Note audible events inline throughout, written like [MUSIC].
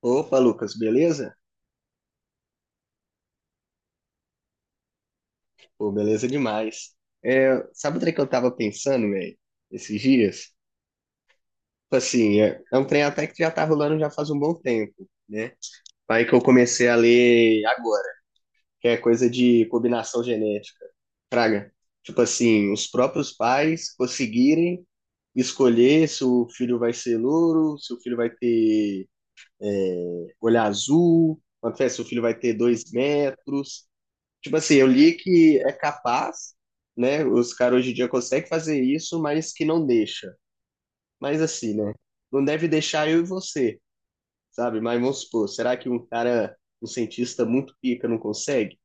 Opa, Lucas, beleza? Pô, beleza demais. É, sabe o trem que eu tava pensando, velho, esses dias? Tipo assim, é um trem até que já tá rolando já faz um bom tempo, né? Aí que eu comecei a ler agora, que é coisa de combinação genética. Fraga. Tipo assim, os próprios pais conseguirem escolher se o filho vai ser louro, se o filho vai ter olho azul, quanto é, se o filho vai ter dois metros. Tipo assim, eu li que é capaz, né? Os caras hoje em dia conseguem fazer isso, mas que não deixa. Mas assim, né? Não deve deixar eu e você, sabe? Mas vamos supor, será que um cara, um cientista muito pica não consegue?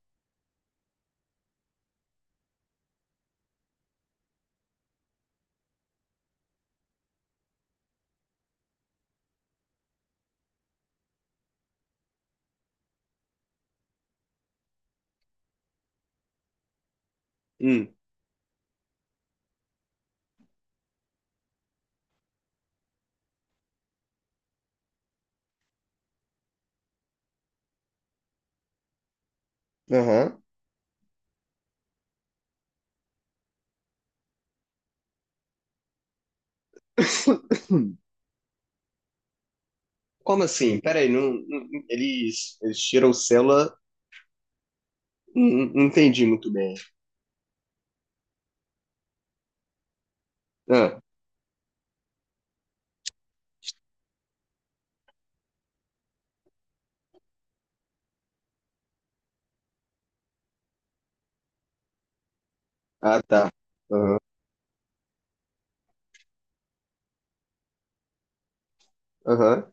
Hum. Aham. [COUGHS] Como assim? Peraí, eles, eles tiram célula? Não, não entendi muito bem. Ah, ah, tá. Aham, aham,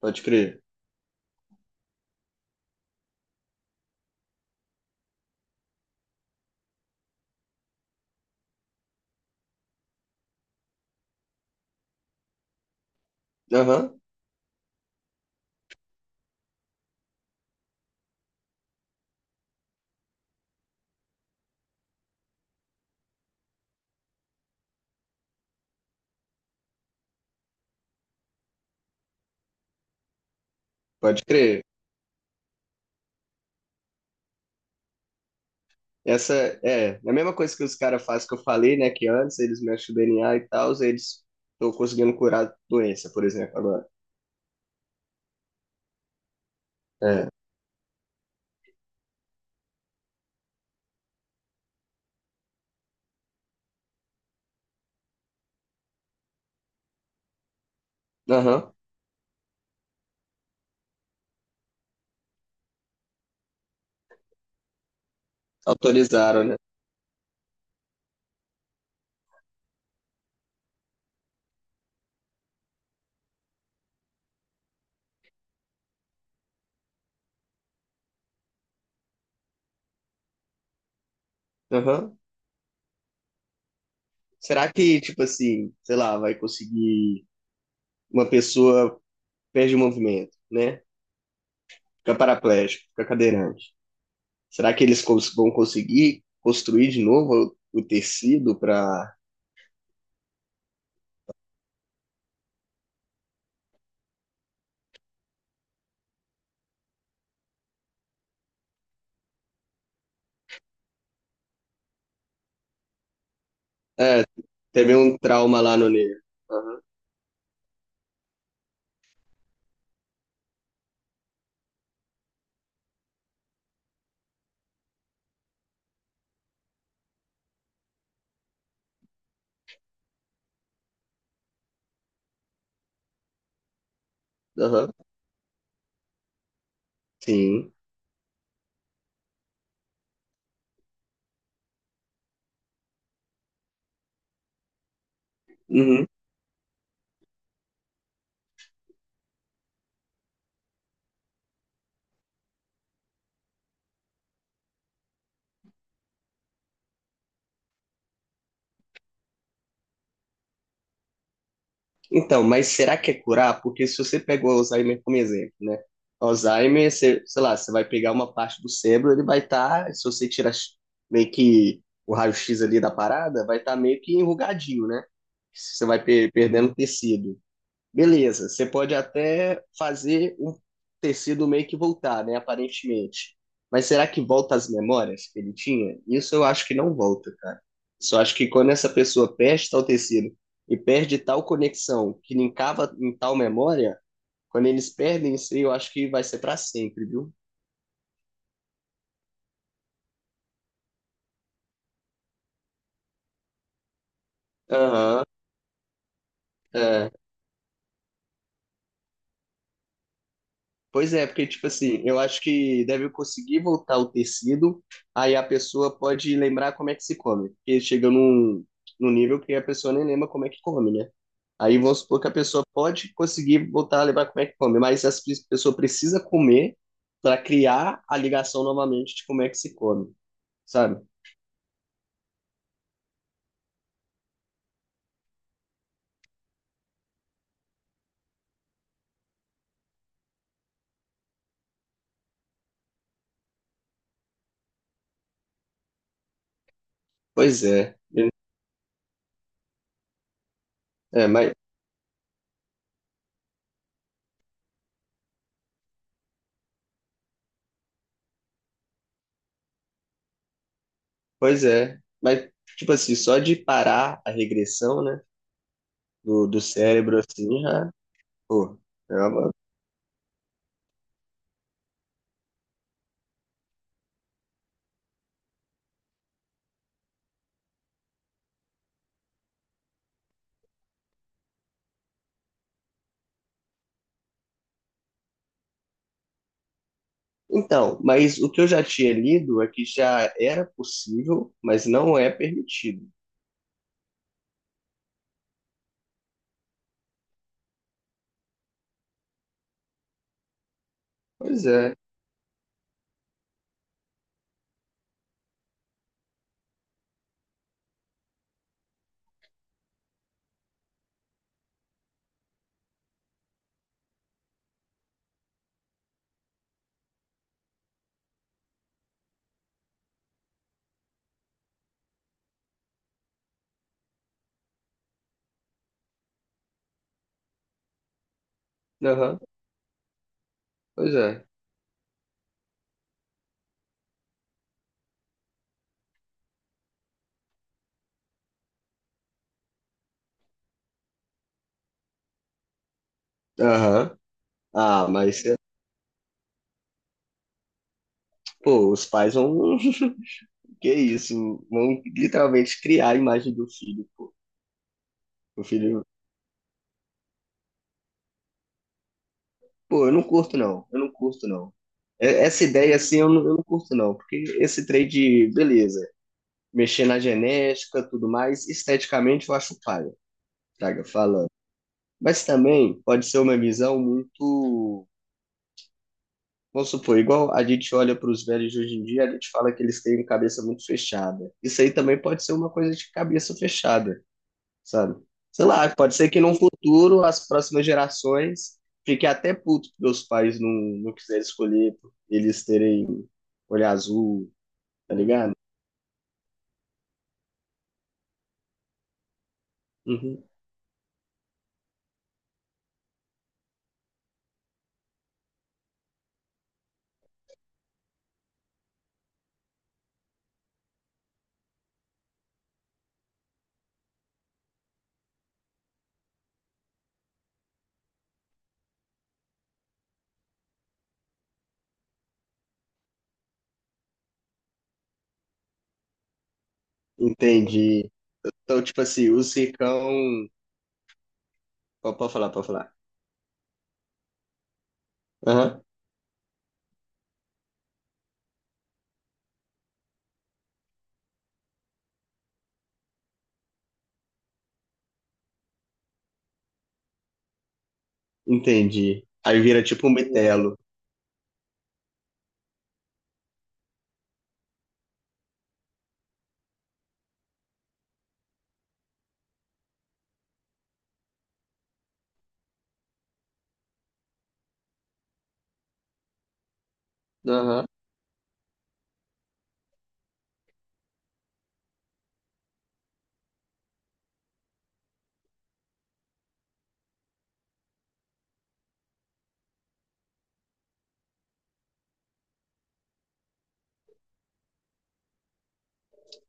pode crer. Aham, pode crer. Essa é a mesma coisa que os caras fazem que eu falei, né? Que antes eles mexem o DNA e tal, eles estão conseguindo curar a doença, por exemplo, agora. É. Aham. Autorizaram, né? Aham. Será que, tipo assim, sei lá, vai conseguir uma pessoa perde o movimento, né? Fica paraplégico, fica cadeirante. Será que eles vão conseguir construir de novo o tecido para. É, teve um trauma lá no nervo. Aham. Aham. Sim. Uhum. Então, mas será que é curar? Porque se você pegou o Alzheimer como exemplo, né? Alzheimer, você, sei lá, você vai pegar uma parte do cérebro, ele vai estar, se você tirar meio que o raio-x ali da parada, vai estar meio que enrugadinho, né? Você vai perdendo tecido. Beleza, você pode até fazer o tecido meio que voltar, né? Aparentemente. Mas será que volta as memórias que ele tinha? Isso eu acho que não volta, cara. Só acho que quando essa pessoa perde tal tecido e perde tal conexão que linkava em tal memória, quando eles perdem isso aí, eu acho que vai ser pra sempre, viu? Aham, é. Pois é, porque, tipo assim, eu acho que deve conseguir voltar o tecido, aí a pessoa pode lembrar como é que se come. Porque chega num, num nível que a pessoa nem lembra como é que come, né? Aí vamos supor que a pessoa pode conseguir voltar a lembrar como é que come, mas a pessoa precisa comer para criar a ligação novamente de como é que se come, sabe? Pois é. É, mas, pois é. Mas, tipo assim, só de parar a regressão, né, do cérebro, assim, já, pô, é uma. Então, mas o que eu já tinha lido é que já era possível, mas não é permitido. Pois é. Aham, pois é. Aham. Ah, mas é- pô, os pais vão. [LAUGHS] Que isso? Vão literalmente criar a imagem do filho, pô. O filho. Pô, eu não curto, não. Eu não curto, não. É- Essa ideia assim eu não curto, não. Porque esse trade, beleza. Mexer na genética, tudo mais, esteticamente eu acho paia. Traga falando. Mas também pode ser uma visão muito. Vamos supor, igual a gente olha para os velhos de hoje em dia, a gente fala que eles têm cabeça muito fechada. Isso aí também pode ser uma coisa de cabeça fechada, sabe? Sei lá, pode ser que no futuro as próximas gerações fiquem até puto porque os pais não quiserem escolher por eles terem olho azul, tá ligado? Uhum. Entendi. Então, tipo assim, o Cicão. Pode falar, pode falar. Aham. Entendi. Aí vira tipo um metelo.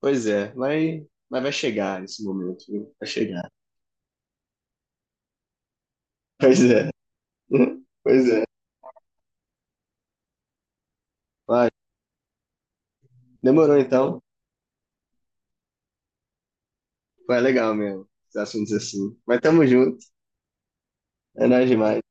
Pois é, vai, mas vai chegar esse momento, viu? Vai chegar. Pois é. [LAUGHS] Pois é. Vai. Demorou então. Foi legal mesmo. Esses assuntos assim. Mas tamo junto. É nóis demais.